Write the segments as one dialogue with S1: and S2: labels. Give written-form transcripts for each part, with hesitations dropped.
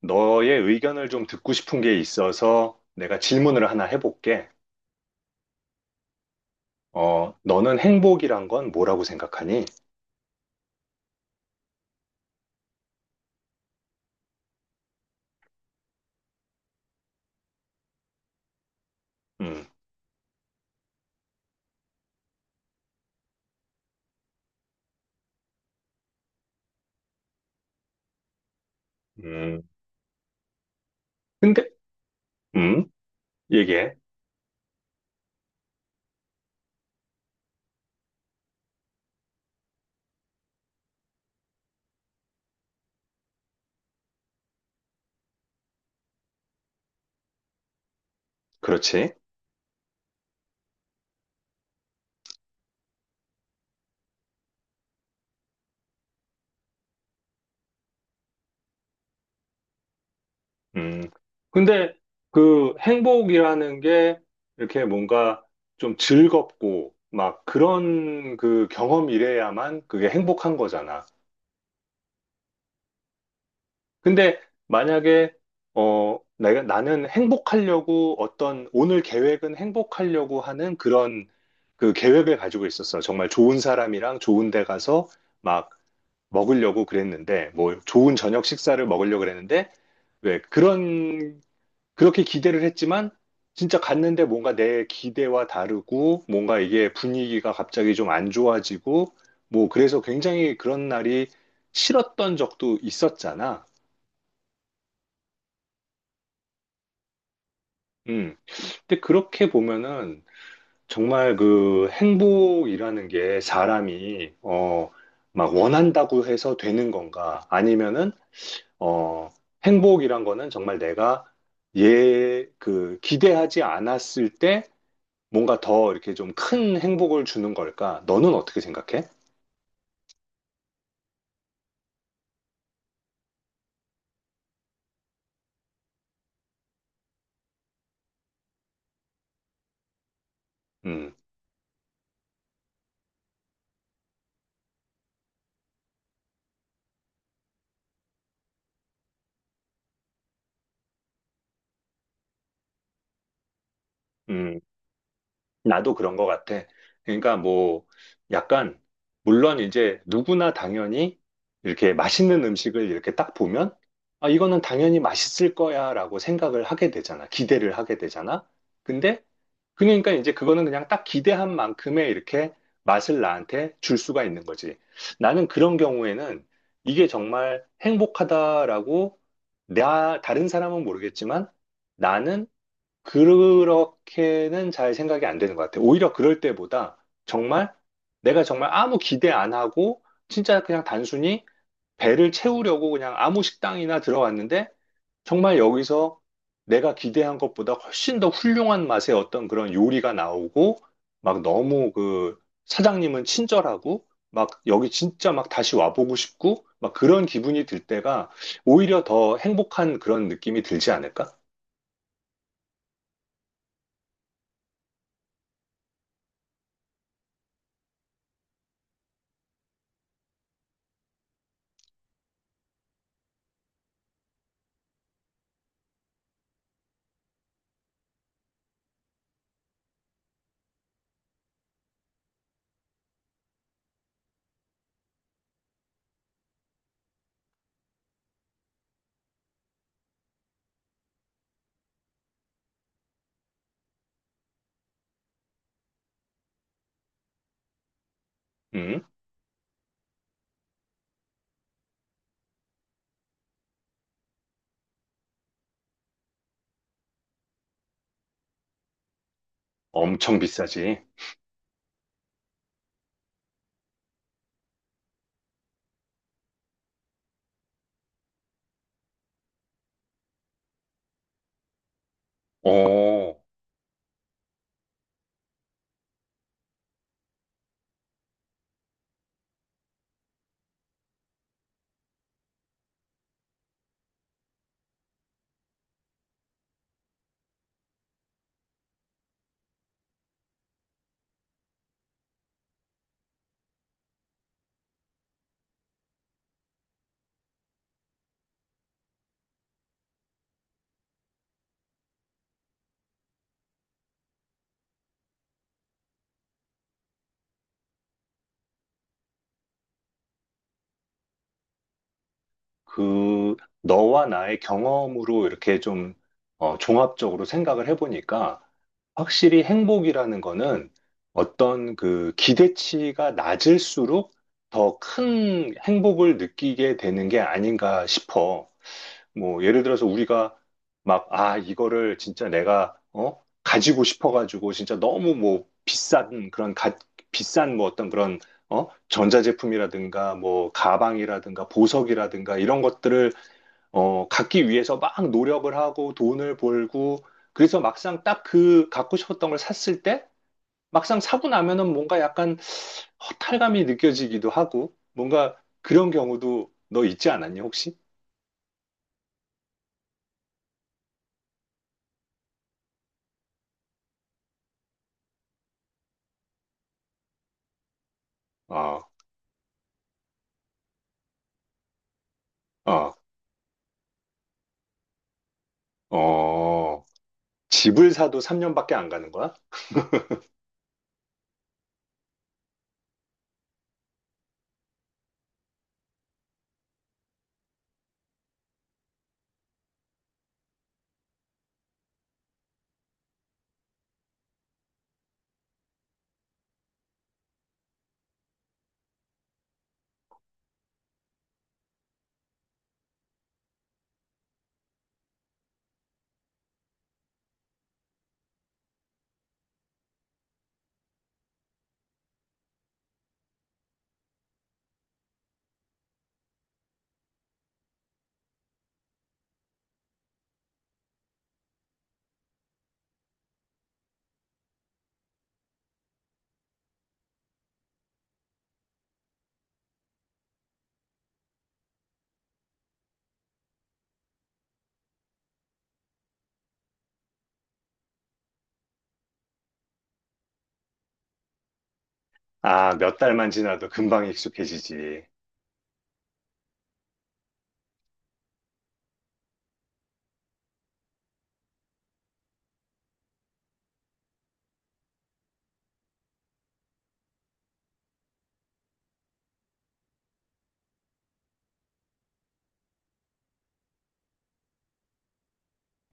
S1: 너의 의견을 좀 듣고 싶은 게 있어서 내가 질문을 하나 해볼게. 너는 행복이란 건 뭐라고 생각하니? 음, 음, 근데, 음, 얘기해. 그렇지. 음, 근데 그 행복이라는 게 이렇게 뭔가 좀 즐겁고 막 그런 그 경험이래야만 그게 행복한 거잖아. 근데 만약에 내가 나는 행복하려고 어떤 오늘 계획은 행복하려고 하는 그런 그 계획을 가지고 있었어. 정말 좋은 사람이랑 좋은 데 가서 막 먹으려고 그랬는데 뭐 좋은 저녁 식사를 먹으려고 그랬는데 왜 그런 그렇게 기대를 했지만 진짜 갔는데 뭔가 내 기대와 다르고 뭔가 이게 분위기가 갑자기 좀 안 좋아지고 뭐 그래서 굉장히 그런 날이 싫었던 적도 있었잖아. 음. 근데 그렇게 보면은 정말 그 행복이라는 게 사람이 막 원한다고 해서 되는 건가? 아니면은 어 행복이란 거는 정말 내가 얘 그 기대하지 않았을 때 뭔가 더 이렇게 좀 큰 행복을 주는 걸까? 너는 어떻게 생각해? 음. 음. 나도 그런 것 같아. 그러니까 뭐 약간 물론 이제 누구나 당연히 이렇게 맛있는 음식을 이렇게 딱 보면 아 이거는 당연히 맛있을 거야라고 생각을 하게 되잖아. 기대를 하게 되잖아. 근데 그러니까 이제 그거는 그냥 딱 기대한 만큼의 이렇게 맛을 나한테 줄 수가 있는 거지. 나는 그런 경우에는 이게 정말 행복하다라고 나 다른 사람은 모르겠지만 나는 그렇게는 잘 생각이 안 되는 것 같아요. 오히려 그럴 때보다 정말 내가 정말 아무 기대 안 하고 진짜 그냥 단순히 배를 채우려고 그냥 아무 식당이나 들어왔는데 정말 여기서 내가 기대한 것보다 훨씬 더 훌륭한 맛의 어떤 그런 요리가 나오고 막 너무 그 사장님은 친절하고 막 여기 진짜 막 다시 와보고 싶고 막 그런 기분이 들 때가 오히려 더 행복한 그런 느낌이 들지 않을까? 음. 엄청 비싸지. 어, 그, 너와 나의 경험으로 이렇게 좀, 어, 종합적으로 생각을 해보니까, 확실히 행복이라는 거는 어떤 그 기대치가 낮을수록 더 큰 행복을 느끼게 되는 게 아닌가 싶어. 뭐 예를 들어서 우리가 막, 아, 이거를 진짜 내가 어? 가지고 싶어가지고 진짜 너무 뭐 비싼 뭐 어떤 그런 어? 전자제품이라든가 뭐 가방이라든가 보석이라든가 이런 것들을 어, 갖기 위해서 막 노력을 하고 돈을 벌고 그래서 막상 딱 그 갖고 싶었던 걸 샀을 때 막상 사고 나면은 뭔가 약간 허탈감이 느껴지기도 하고 뭔가 그런 경우도 너 있지 않았니 혹시? 어, 어. 어, 집을 사도 3년밖에 안 가는 거야? 아, 몇 달만 지나도 금방 익숙해지지.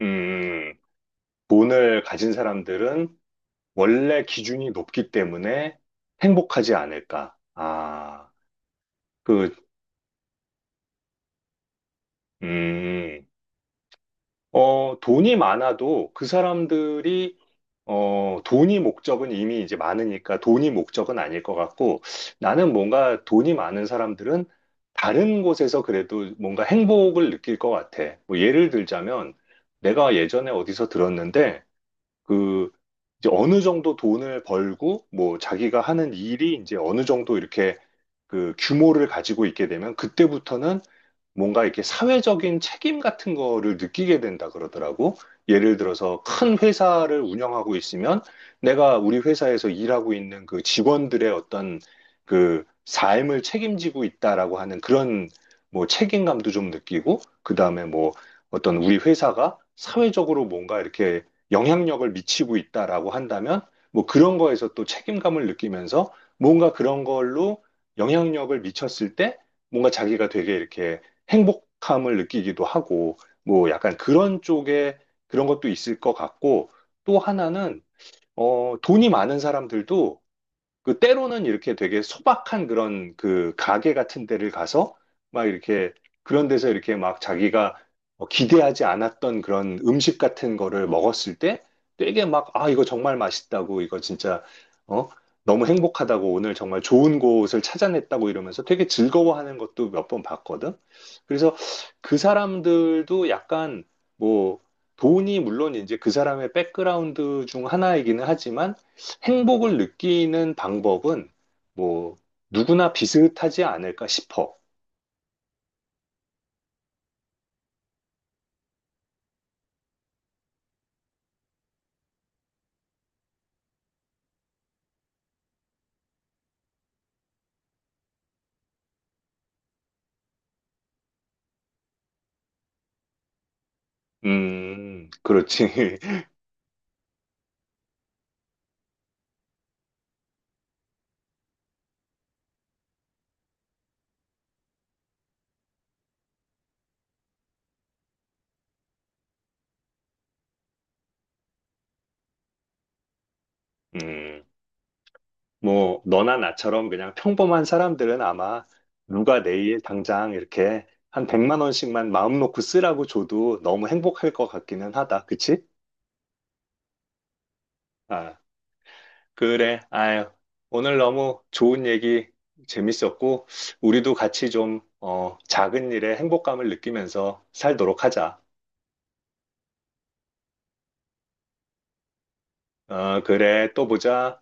S1: 음, 돈을 가진 사람들은 원래 기준이 높기 때문에 행복하지 않을까. 아, 그, 음, 어, 돈이 많아도 그 사람들이 어, 돈이 목적은 이미 이제 많으니까 돈이 목적은 아닐 것 같고 나는 뭔가 돈이 많은 사람들은 다른 곳에서 그래도 뭔가 행복을 느낄 것 같아. 뭐 예를 들자면 내가 예전에 어디서 들었는데 그 이제 어느 정도 돈을 벌고 뭐 자기가 하는 일이 이제 어느 정도 이렇게 그 규모를 가지고 있게 되면 그때부터는 뭔가 이렇게 사회적인 책임 같은 거를 느끼게 된다 그러더라고. 예를 들어서 큰 회사를 운영하고 있으면 내가 우리 회사에서 일하고 있는 그 직원들의 어떤 그 삶을 책임지고 있다라고 하는 그런 뭐 책임감도 좀 느끼고, 그 다음에 뭐 어떤 우리 회사가 사회적으로 뭔가 이렇게 영향력을 미치고 있다라고 한다면 뭐 그런 거에서 또 책임감을 느끼면서 뭔가 그런 걸로 영향력을 미쳤을 때 뭔가 자기가 되게 이렇게 행복함을 느끼기도 하고, 뭐 약간 그런 쪽에 그런 것도 있을 것 같고, 또 하나는, 어, 돈이 많은 사람들도 그 때로는 이렇게 되게 소박한 그런 그 가게 같은 데를 가서 막 이렇게 그런 데서 이렇게 막 자기가 어, 기대하지 않았던 그런 음식 같은 거를 먹었을 때 되게 막, 아, 이거 정말 맛있다고, 이거 진짜, 어, 너무 행복하다고, 오늘 정말 좋은 곳을 찾아냈다고 이러면서 되게 즐거워하는 것도 몇 번 봤거든. 그래서 그 사람들도 약간 뭐 돈이 물론 이제 그 사람의 백그라운드 중 하나이기는 하지만 행복을 느끼는 방법은 뭐 누구나 비슷하지 않을까 싶어. 그렇지. 음, 뭐 너나 나처럼 그냥 평범한 사람들은 아마 누가 내일 당장 이렇게 한 100만 원씩만 마음 놓고 쓰라고 줘도 너무 행복할 것 같기는 하다. 그치? 아, 그래. 아유, 오늘 너무 좋은 얘기 재밌었고 우리도 같이 좀 어, 작은 일에 행복감을 느끼면서 살도록 하자. 어, 그래. 또 보자.